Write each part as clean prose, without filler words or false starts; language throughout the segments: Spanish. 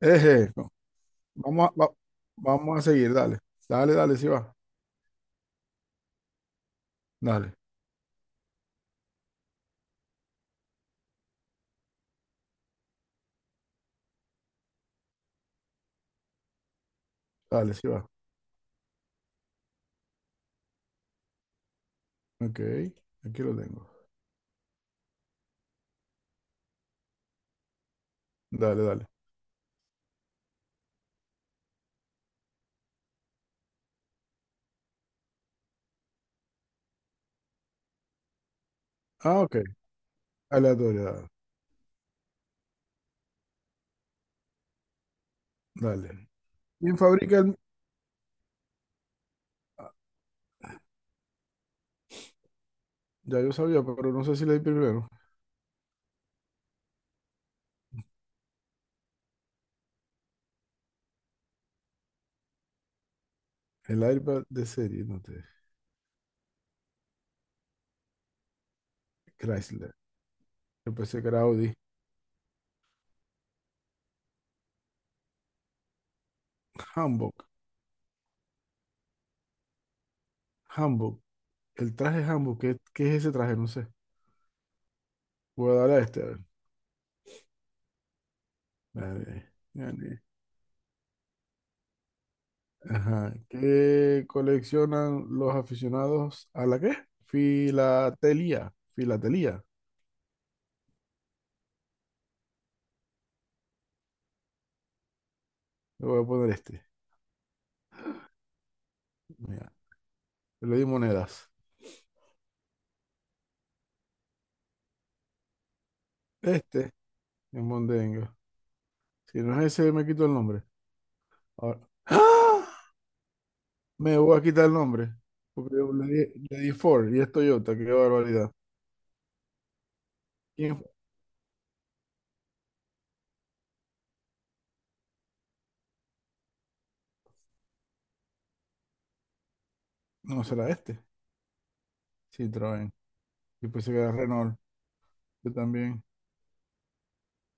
Eje, no. Vamos a, vamos a seguir, dale. Dale, dale, sí va. Dale, dale, sí va. Ok, aquí lo tengo. Dale, dale. Ah, ok. Aleatoriedad. Dale. ¿Quién fabrica el... Ya yo sabía, pero no sé si leí primero. El iPad de serie, no te... Chrysler. Yo pensé que era Audi. Hanbok. Hanbok. El traje Hanbok. ¿Qué, qué es ese traje? No sé. Voy a darle a este. A ver. Gané, gané. Ajá. ¿Qué coleccionan los aficionados a la qué? Filatelía. Filatelía. Le voy a poner este. Mira, yo le di monedas. Este es Mondengo. Si no es ese, me quito el nombre. Ahora- ¡Ah! Me voy a quitar el nombre. Porque yo le di Ford y es Toyota. Qué barbaridad. ¿Quién fue? No será este. Sí, traen. Y pues se queda Renault. Yo también.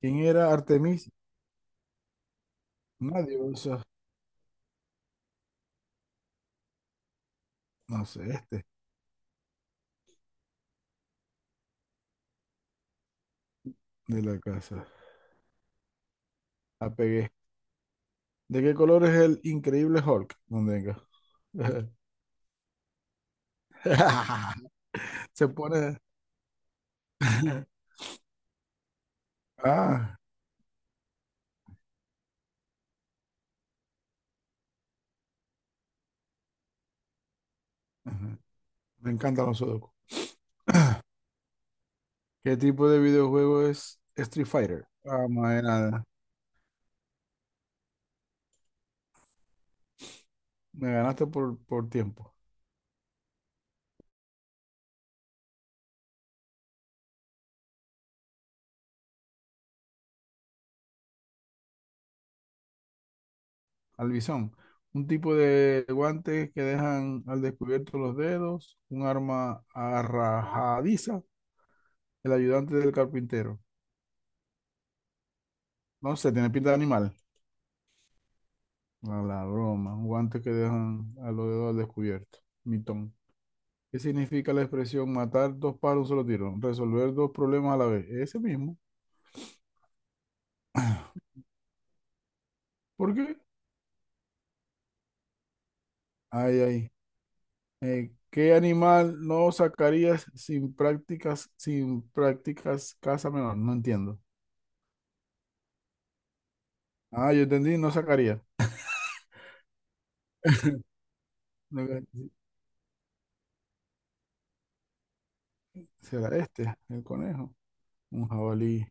¿Quién era Artemis? Una diosa. No sé, este de la casa. Apegué. ¿De qué color es el increíble Hulk? No tengo. Se pone. Ah, ajá, me encantan los sudoku. ¿Qué tipo de videojuego es Street Fighter? Ah, madre nada. Me ganaste por tiempo. Albizón. Un tipo de guantes que dejan al descubierto los dedos. Un arma arrajadiza. El ayudante del carpintero. No sé, tiene pinta de animal. A la broma. Un guante que dejan a los dedos al descubierto. Mitón. ¿Qué significa la expresión matar dos pájaros de un solo tiro? Resolver dos problemas a la vez. Ese mismo. ¿Por qué? Ay, ay. ¿Qué animal no sacarías sin prácticas caza menor? No entiendo. Ah, yo entendí, no sacaría. Eh, Será este, el conejo. Un jabalí.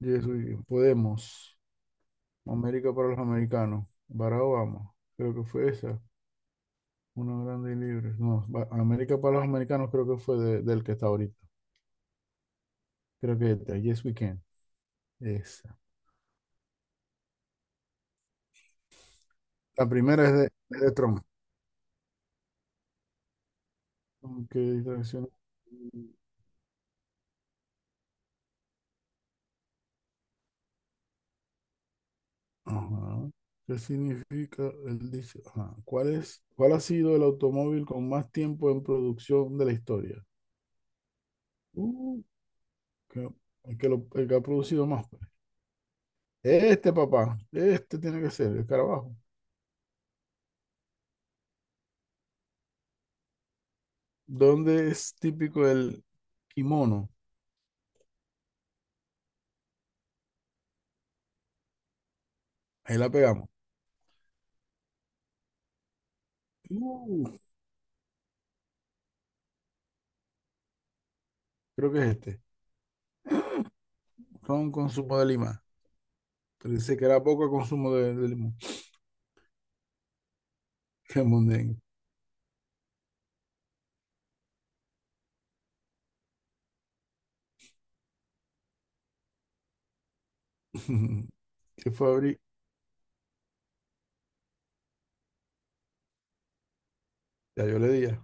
Yeso y- Podemos. América para los americanos. Barack Obama. Creo que fue esa. Una grande y libre. No, ba- América para los americanos creo que fue del que está ahorita. Creo que es esta. Yes, we can. Esa. La primera es de Trump. Aunque distracción- Ajá. ¿Qué significa el dicho? Ajá. ¿Cuál es, cuál ha sido el automóvil con más tiempo en producción de la historia? Uh, que- el el que ha producido más, pues. Este, papá. Este tiene que ser, el carabajo. ¿Dónde es típico el kimono? Ahí la pegamos. Uh, creo que es este. Ron consumo de lima. Pero dice que era poco consumo de limón. Qué mondongo. ¿Qué fue abrir? Ya yo le di ya.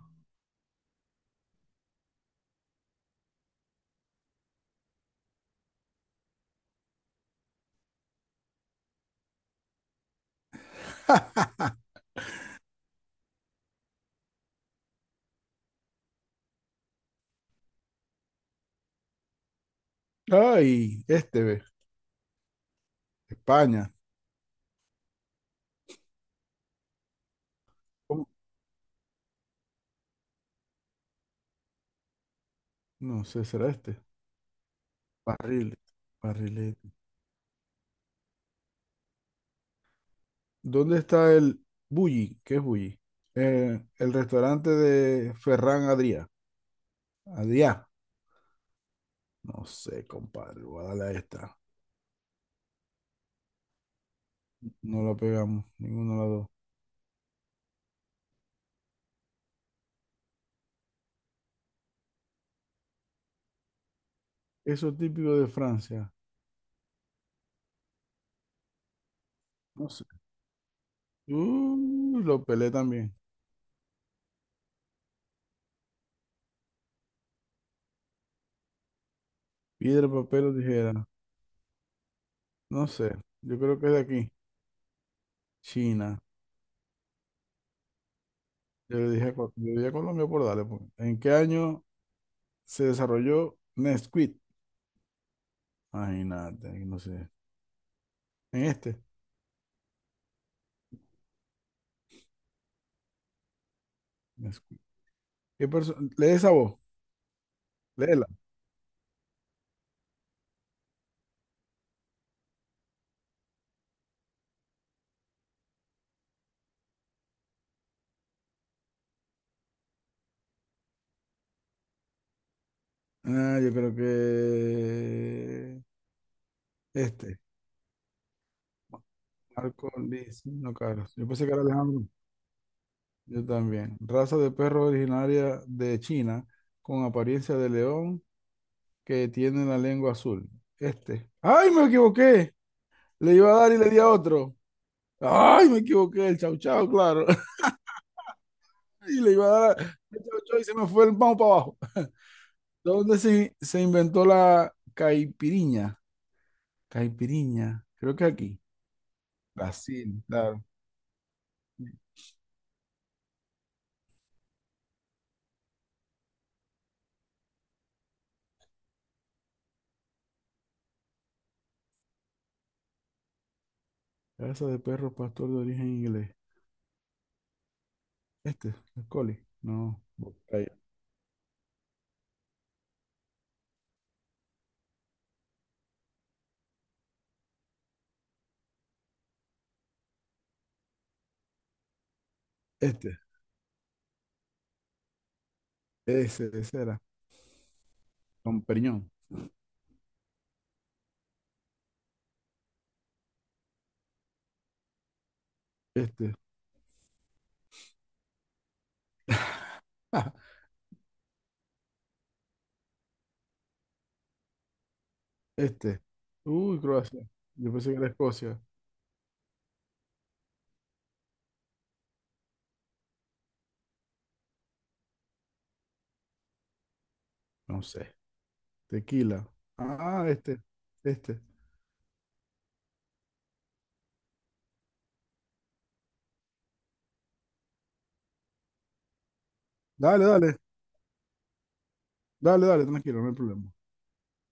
Ay, este ve. España. ¿Cómo? No sé, será este. Barrilete. Barrilete. ¿Dónde está el Bulli? ¿Qué es Bulli? El restaurante de Ferran Adrià. Adrià. No sé, compadre. Voy a darle a esta. No la pegamos. Ninguno de las dos. Eso típico de Francia. No sé. Lo pelé también. Piedra, papel o tijera. No sé. Yo creo que es de aquí. China. Yo le dije, yo dije Colombia por darle, pues. ¿En qué año se desarrolló Nesquik? Imagínate, ahí no sé. En este, Nesquik. ¿Qué perso- Lee esa voz, léela. Ah, yo creo que este, Marco Liz, no, Carlos. Yo pensé que era Alejandro. Yo también. Raza de perro originaria de China con apariencia de león que tiene la lengua azul. Este. ¡Ay, me equivoqué! Le iba a dar y le di a otro. ¡Ay, me equivoqué! El chau chau, claro. Y le iba a dar a- y se me fue el vamos para abajo. ¿Dónde se inventó la caipiriña? Caipiriña, creo que aquí. Brasil, claro. Raza de perro pastor de origen inglés. Este, el Collie. No, Bocaya. Este, ese era. Don Periñón. Este, ah, este. Uy, Croacia. Yo pensé que era Escocia. No sé. Tequila. Ah, este, este. Dale, dale, dale, dale, tranquilo, no hay problema.